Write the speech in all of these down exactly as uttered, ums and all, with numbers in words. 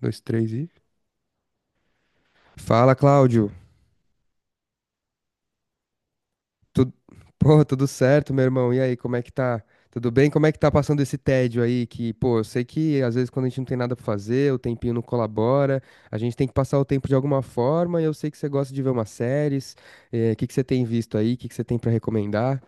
Dois, três e. Fala, Cláudio. Tu... Pô, tudo certo, meu irmão? E aí, como é que tá? Tudo bem? Como é que tá passando esse tédio aí? Que, pô, eu sei que às vezes quando a gente não tem nada pra fazer, o tempinho não colabora, a gente tem que passar o tempo de alguma forma. E eu sei que você gosta de ver umas séries. É, o que que você tem visto aí? O que que você tem pra recomendar?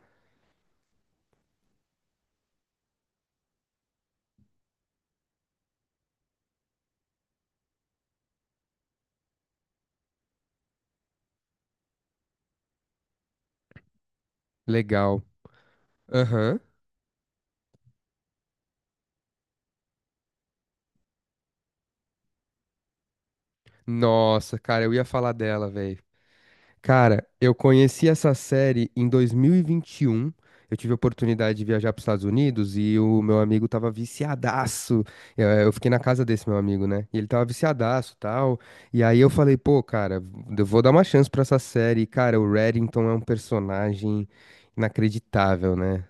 Legal. Aham. Nossa, cara, eu ia falar dela, velho. Cara, eu conheci essa série em dois mil e vinte e um. Eu tive a oportunidade de viajar para os Estados Unidos e o meu amigo tava viciadaço. Eu, eu fiquei na casa desse meu amigo, né? E ele tava viciadaço e tal. E aí eu falei, pô, cara, eu vou dar uma chance para essa série. E, cara, o Reddington é um personagem inacreditável, né?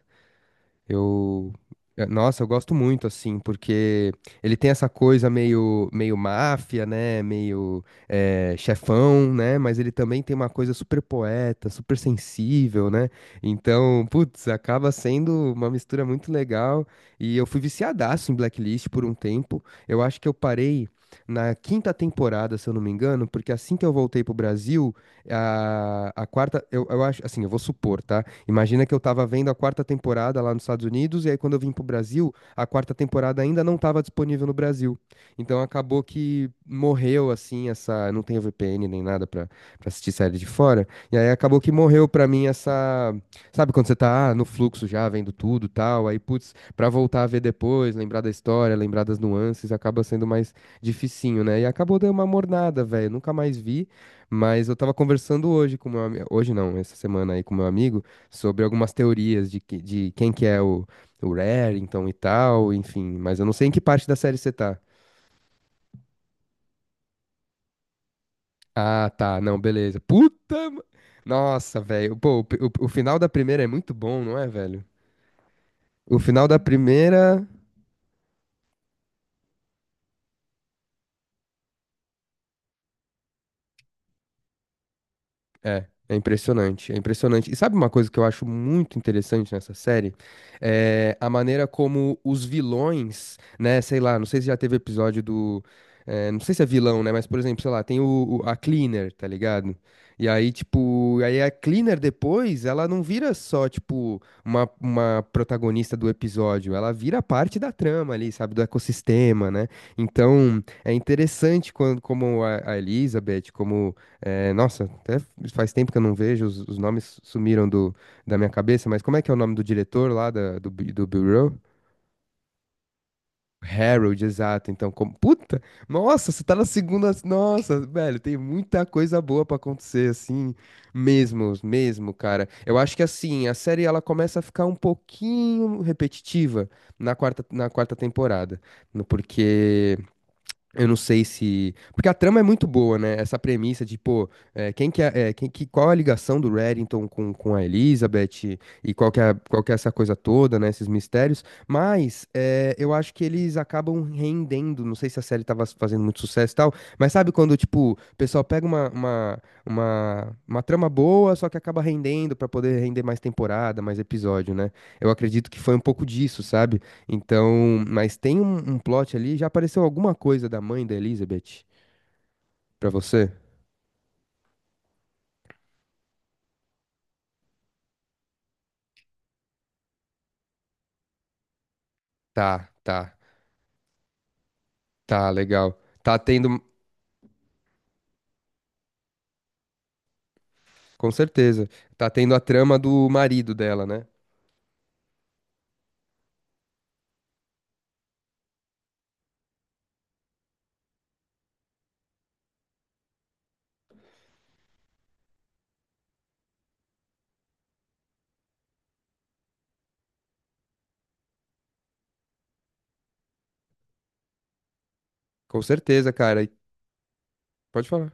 Eu, eh, nossa, eu gosto muito assim, porque ele tem essa coisa meio, meio máfia, né? Meio eh, chefão, né? Mas ele também tem uma coisa super poeta, super sensível, né? Então, putz, acaba sendo uma mistura muito legal. E eu fui viciadaço em Blacklist por um tempo. Eu acho que eu parei na quinta temporada, se eu não me engano, porque assim que eu voltei pro Brasil, a, a quarta, eu, eu acho, assim, eu vou supor, tá? Imagina que eu estava vendo a quarta temporada lá nos Estados Unidos, e aí quando eu vim pro Brasil, a quarta temporada ainda não estava disponível no Brasil. Então acabou que morreu, assim, essa. Não tenho V P N nem nada pra, pra assistir série de fora. E aí acabou que morreu pra mim essa. Sabe quando você tá ah, no fluxo já, vendo tudo tal, aí, putz, pra voltar a ver depois, lembrar da história, lembrar das nuances, acaba sendo mais dificinho, né? E acabou dando uma mornada, velho. Nunca mais vi, mas eu tava conversando hoje com meu amigo. Hoje não, essa semana aí com meu amigo sobre algumas teorias de, que- de quem que é o, o Remington e tal, enfim. Mas eu não sei em que parte da série você tá. Ah, tá, não, beleza. Puta! ma- Nossa, velho. Pô, o, o o final da primeira é muito bom, não é, velho? O final da primeira. É, é impressionante, é impressionante. E sabe uma coisa que eu acho muito interessante nessa série? É a maneira como os vilões, né, sei lá, não sei se já teve episódio do. É, não sei se é vilão, né? Mas, por exemplo, sei lá, tem o, o- a Cleaner, tá ligado? E aí, tipo, aí a Cleaner depois, ela não vira só, tipo, uma, uma protagonista do episódio, ela vira parte da trama ali, sabe, do ecossistema, né? Então, é interessante quando, como a, a Elizabeth, como. É, nossa, até faz tempo que eu não vejo, os, os nomes sumiram do, da minha cabeça, mas como é que é o nome do diretor lá da- do, Bi- do Bureau? Harold, exato. Então, como. Puta! Nossa, você tá na segunda. Nossa, velho, tem muita coisa boa pra acontecer, assim. Mesmo, mesmo, cara. Eu acho que assim, a série ela começa a ficar um pouquinho repetitiva na quarta, na quarta temporada. no- Porque. Eu não sei se. Porque a trama é muito boa, né? Essa premissa de, pô, é, quem que é, é, quem que, qual é a ligação do Reddington com, com a Elizabeth e, qual que é, a- qual que é essa coisa toda, né? Esses mistérios. Mas é, eu acho que eles acabam rendendo. Não sei se a série tava fazendo muito sucesso e tal, mas sabe quando, tipo, o pessoal pega uma, uma, uma, uma trama boa, só que acaba rendendo pra poder render mais temporada, mais episódio, né? Eu acredito que foi um pouco disso, sabe? Então, mas tem um, um plot ali. Já apareceu alguma coisa da mãe da Elizabeth pra você? Tá, tá, tá, legal. Tá tendo, com certeza. Tá tendo a trama do marido dela, né? Com certeza, cara. E- Pode falar.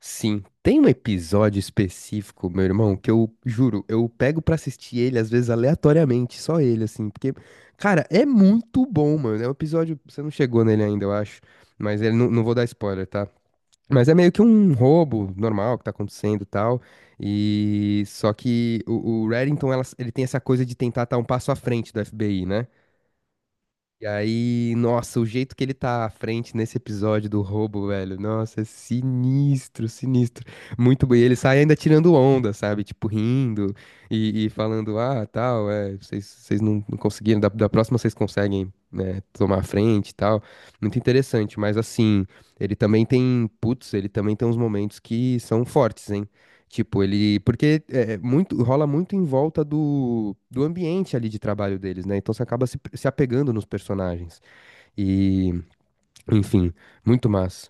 Sim, tem um episódio específico, meu irmão, que eu juro, eu pego pra assistir ele às vezes aleatoriamente, só ele, assim, porque, cara, é muito bom, mano. É um episódio, você não chegou nele ainda, eu acho, mas ele não, não vou dar spoiler, tá? Mas é meio que um roubo normal que tá acontecendo e tal. E só que o, o Reddington, ela- ele tem essa coisa de tentar estar um passo à frente do F B I, né? E aí, nossa, o jeito que ele tá à frente nesse episódio do roubo, velho, nossa, é sinistro, sinistro. Muito bem. E ele sai ainda tirando onda, sabe? Tipo, rindo e, e falando, ah, tal, é, vocês, vocês não, não conseguiram, da, da próxima vocês conseguem, né, tomar a frente e tal. Muito interessante, mas assim, ele também tem, putz, ele também tem uns momentos que são fortes, hein? Tipo, ele. Porque é, é muito, rola muito em volta do, do ambiente ali de trabalho deles, né? Então você acaba se, se apegando nos personagens. E, enfim, muito massa.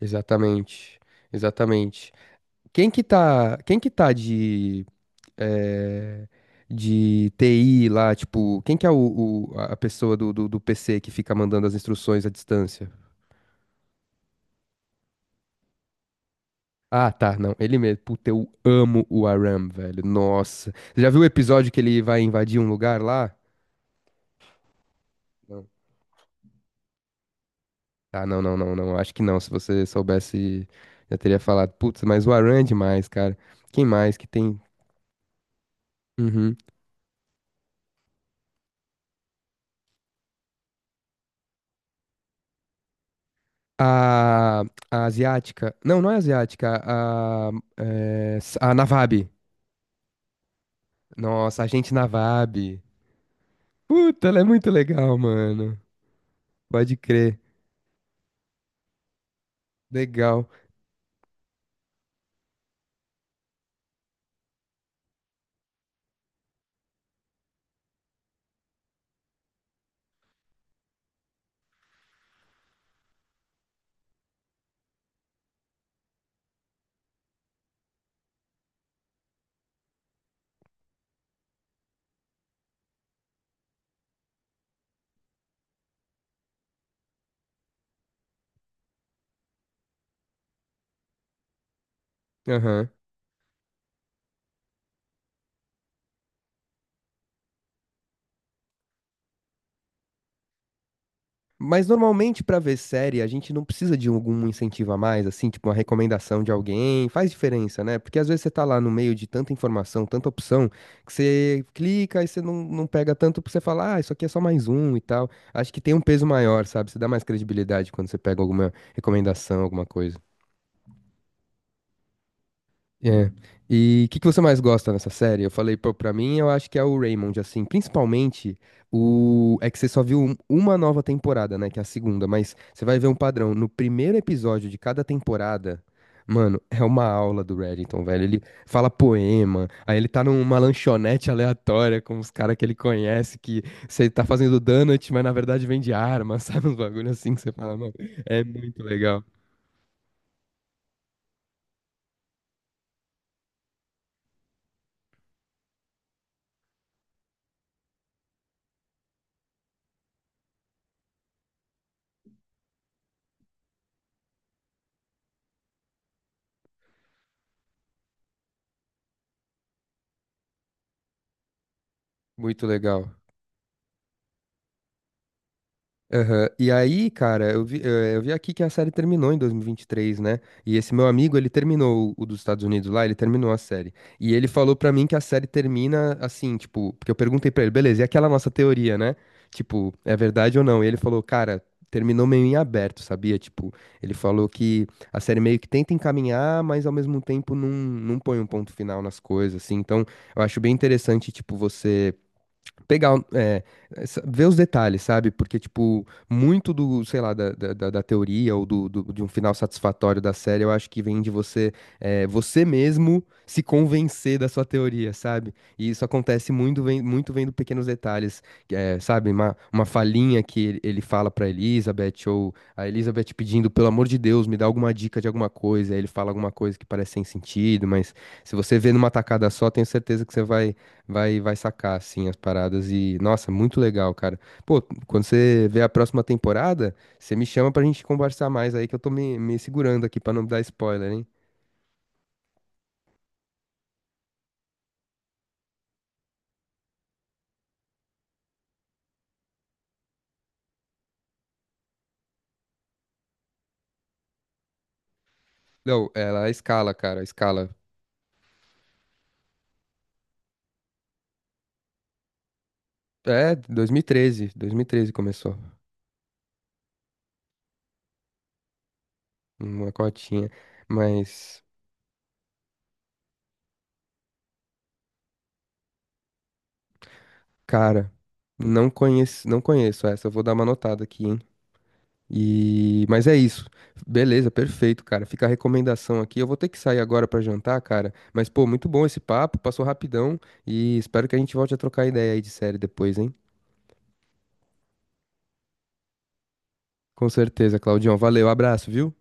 Exatamente. Exatamente. Quem que tá. Quem que tá de. É, de T I lá, tipo, quem que é o, o- a a pessoa do, do, do P C que fica mandando as instruções à distância? Ah, tá, não, ele mesmo. Puta, eu amo o Aram, velho. Nossa. Você já viu o episódio que ele vai invadir um lugar lá? Não. Ah, não, não, não, não. Acho que não. Se você soubesse, já teria falado. Putz, mas o Aran é demais, cara. Quem mais que tem? Uhum. A, a asiática. Não, não é asiática. A, é, s- a Navab. Nossa, a gente Navab. Puta, ela é muito legal, mano. Pode crer. Legal. Mas normalmente pra ver série, a gente não precisa de algum incentivo a mais, assim, tipo uma recomendação de alguém, faz diferença, né? Porque às vezes você tá lá no meio de tanta informação, tanta opção, que você clica e você não, não pega tanto porque você fala, ah, isso aqui é só mais um e tal. Acho que tem um peso maior, sabe? Você dá mais credibilidade quando você pega alguma recomendação, alguma coisa. É. E o que que você mais gosta nessa série? Eu falei, pô, pra mim, eu acho que é o Raymond, assim, principalmente o... É que você só viu um- uma nova temporada, né, que é a segunda, mas você vai ver um padrão. No primeiro episódio de cada temporada, mano, é uma aula do Reddington, velho. Ele fala poema, aí ele tá numa lanchonete aleatória com os caras que ele conhece, que você tá fazendo donut, mas na verdade vende arma, sabe? Uns bagulho assim que você fala, mano, é muito legal. Muito legal. Aham. E aí, cara, eu vi, eh, eu vi aqui que a série terminou em dois mil e vinte e três, né? E esse meu amigo, ele terminou o o dos Estados Unidos lá, ele terminou a série. E ele falou pra mim que a série termina assim, tipo, porque eu perguntei pra ele, beleza, e aquela nossa teoria, né? Tipo, é verdade ou não? E ele falou, cara, terminou meio em aberto, sabia? Tipo, ele falou que a série meio que tenta encaminhar, mas ao mesmo tempo não, não põe um ponto final nas coisas, assim. Então, eu acho bem interessante, tipo, você pegar, é, essa- ver os detalhes, sabe? Porque, tipo, muito do, sei lá, da, da, da- da teoria ou do, do- de um final satisfatório da série, eu acho que vem de você, é, você mesmo se convencer da sua teoria, sabe? E isso acontece muito, vem, muito vendo pequenos detalhes, que é, sabe? Uma, uma falinha que ele, ele fala pra Elizabeth, ou a Elizabeth pedindo, pelo amor de Deus, me dá alguma dica de alguma coisa, aí ele fala alguma coisa que parece sem sentido, mas se você vê numa tacada só, tenho certeza que você vai vai vai sacar assim as paradas e nossa, muito legal, cara. Pô, quando você vê a próxima temporada, você me chama pra gente conversar mais aí que eu tô me, me segurando aqui pra não dar spoiler, hein? Não, ela escala, cara, escala. É, dois mil e treze dois mil e treze começou uma cotinha, mas cara, não conheço, não conheço essa, eu vou dar uma notada aqui, hein? E mas é isso. Beleza, perfeito, cara. Fica a recomendação aqui. Eu vou ter que sair agora pra jantar, cara. Mas pô, muito bom esse papo, passou rapidão e espero que a gente volte a trocar ideia aí de série depois, hein? Com certeza, Claudião. Valeu, abraço, viu?